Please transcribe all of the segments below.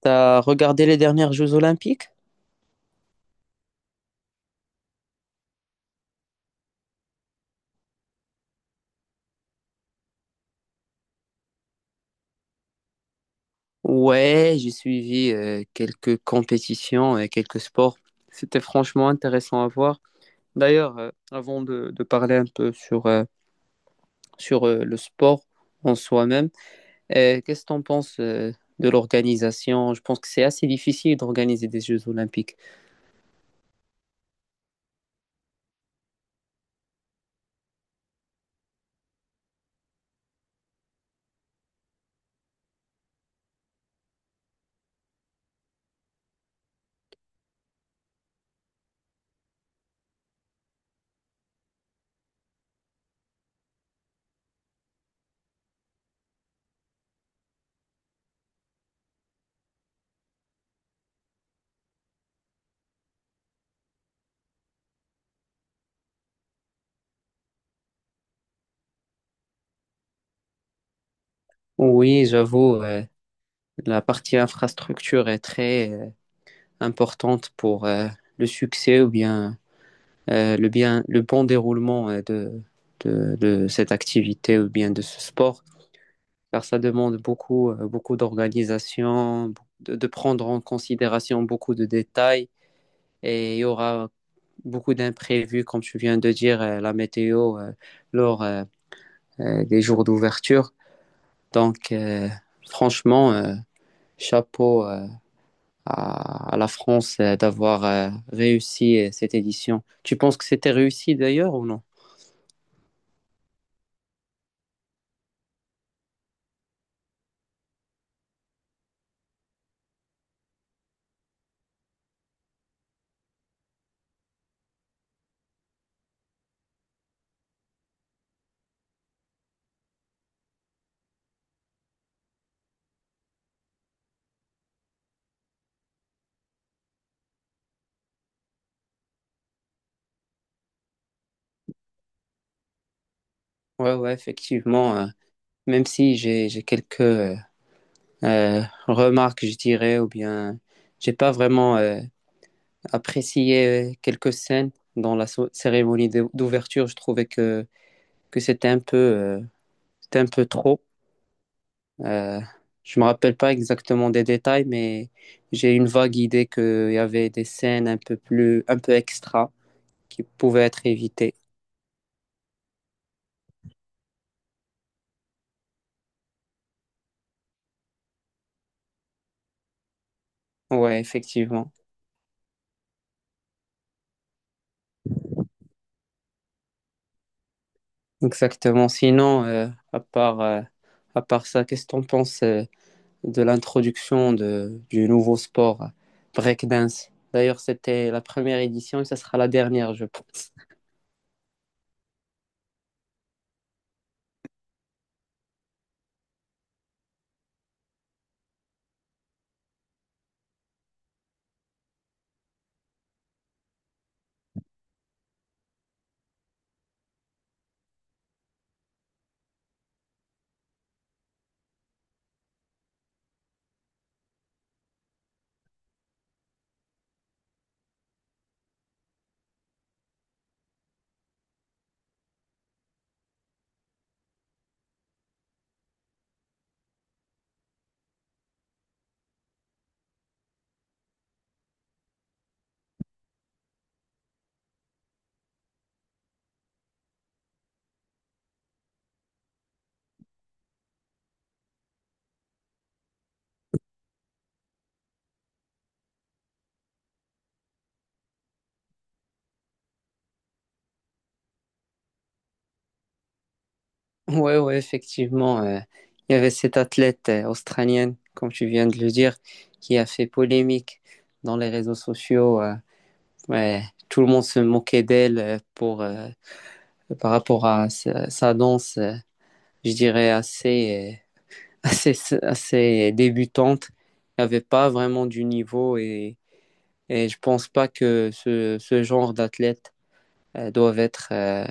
T'as regardé les dernières Jeux Olympiques? Ouais, j'ai suivi quelques compétitions et quelques sports. C'était franchement intéressant à voir. D'ailleurs, avant de parler un peu sur, le sport en soi-même, qu'est-ce que t'en penses de l'organisation? Je pense que c'est assez difficile d'organiser des Jeux Olympiques. Oui, j'avoue, la partie infrastructure est très importante pour le succès ou bien le, bien, le bon déroulement de cette activité ou bien de ce sport, car ça demande beaucoup, beaucoup d'organisation, de prendre en considération beaucoup de détails et il y aura beaucoup d'imprévus, comme tu viens de dire, la météo lors des jours d'ouverture. Donc, franchement, chapeau à la France d'avoir réussi cette édition. Tu penses que c'était réussi d'ailleurs ou non? Ouais, ouais, effectivement. Même si j'ai quelques remarques, je dirais, ou bien j'ai pas vraiment apprécié quelques scènes dans la cérémonie d'ouverture. Je trouvais que c'était un peu trop. Euh, je me rappelle pas exactement des détails, mais j'ai une vague idée qu'il y avait des scènes un peu plus un peu extra qui pouvaient être évitées. Ouais, effectivement, exactement. Sinon, à part euh, à part ça, qu'est-ce que t'en penses? De l'introduction du nouveau sport breakdance. D'ailleurs, c'était la première édition et ça sera la dernière, je pense. Ouais, ouais, effectivement, il y avait cette athlète australienne, comme tu viens de le dire, qui a fait polémique dans les réseaux sociaux. Ouais, tout le monde se moquait d'elle pour par rapport à sa danse, je dirais assez euh, assez assez débutante. Il n'y avait pas vraiment du niveau et je pense pas que ce genre d'athlètes euh, doivent être, euh,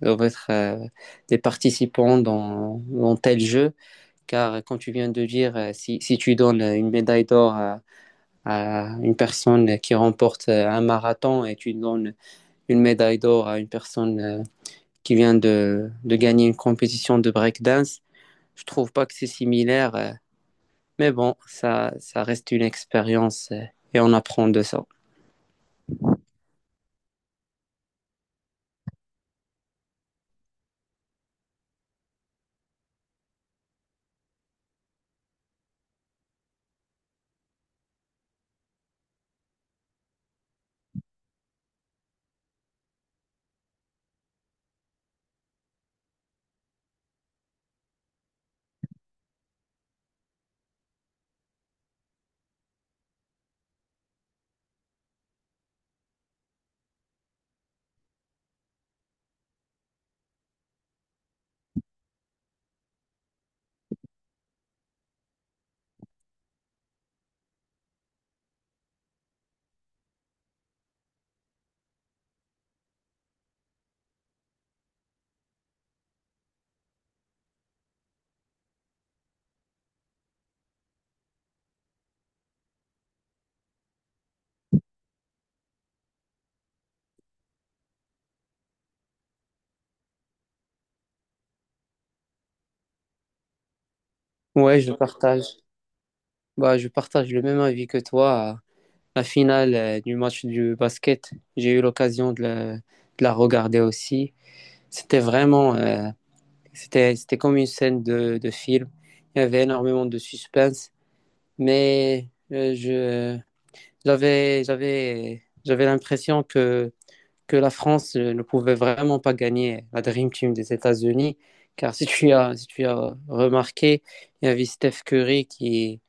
doivent être des participants dans, dans tel jeu, car quand tu viens de dire, si, si tu donnes une médaille d'or à une personne qui remporte un marathon et tu donnes une médaille d'or à une personne qui vient de gagner une compétition de breakdance, je trouve pas que c'est similaire, mais bon, ça reste une expérience et on apprend de ça. Ouais, je partage. Bah, je partage le même avis que toi. La finale du match du basket, j'ai eu l'occasion de la regarder aussi. C'était vraiment, c'était comme une scène de film. Il y avait énormément de suspense, mais j'avais l'impression que la France ne pouvait vraiment pas gagner la Dream Team des États-Unis, car si tu as, si tu as remarqué, il y avait Steph Curry qui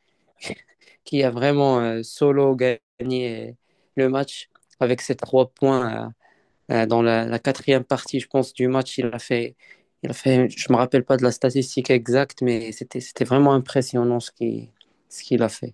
qui a vraiment solo gagné le match avec ses trois points dans la, la quatrième partie, je pense, du match. Je me rappelle pas de la statistique exacte, mais c'était vraiment impressionnant ce ce qu'il a fait.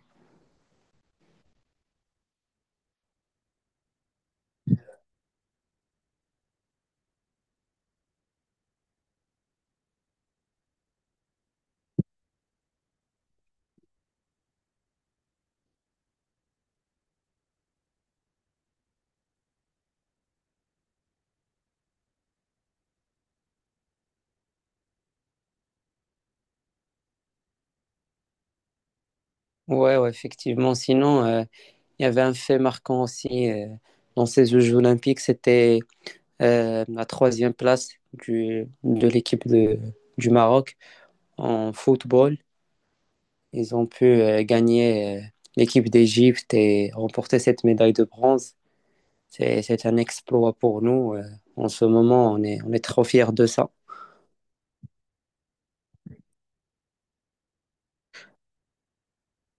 Ouais, ouais, effectivement. Sinon, il y avait un fait marquant aussi dans ces Jeux olympiques, c'était la troisième place de l'équipe du Maroc en football. Ils ont pu gagner l'équipe d'Égypte et remporter cette médaille de bronze. C'est un exploit pour nous. En ce moment, on est trop fiers de ça.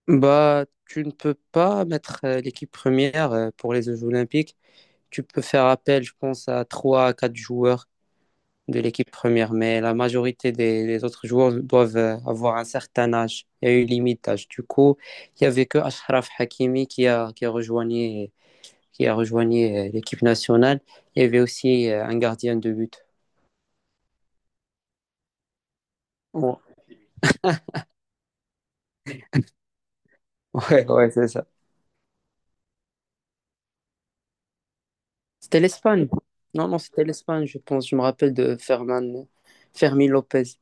Bah, tu ne peux pas mettre l'équipe première pour les Jeux Olympiques. Tu peux faire appel, je pense, à 3, à 4 joueurs de l'équipe première, mais la majorité des autres joueurs doivent avoir un certain âge. Il y a eu limite d'âge. Du coup, il n'y avait que Ashraf Hakimi qui a rejoint qui a rejoigné l'équipe nationale. Il y avait aussi un gardien de but. Ouais, ouais, ouais c'est ça. C'était l'Espagne. Non, non, c'était l'Espagne, je pense. Je me rappelle de Ferman, Fermi Lopez.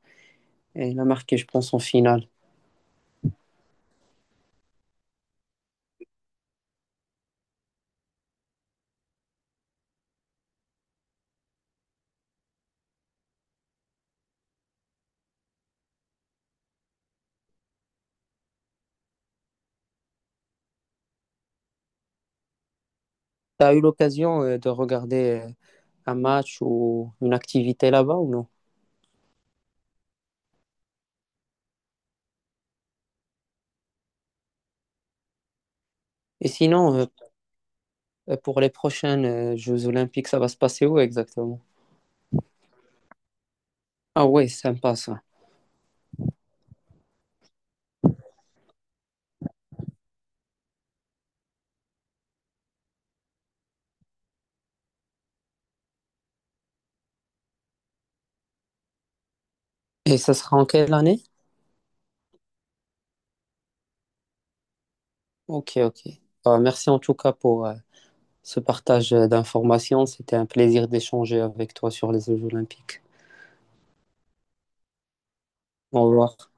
Et il a marqué, je pense, en finale. Tu as eu l'occasion de regarder un match ou une activité là-bas ou non? Et sinon, pour les prochaines Jeux Olympiques, ça va se passer où exactement? Ah ouais, sympa ça. Et ça sera en quelle année? Ok, ok. Bah, merci en tout cas pour ce partage d'informations. C'était un plaisir d'échanger avec toi sur les Jeux Olympiques. Au revoir.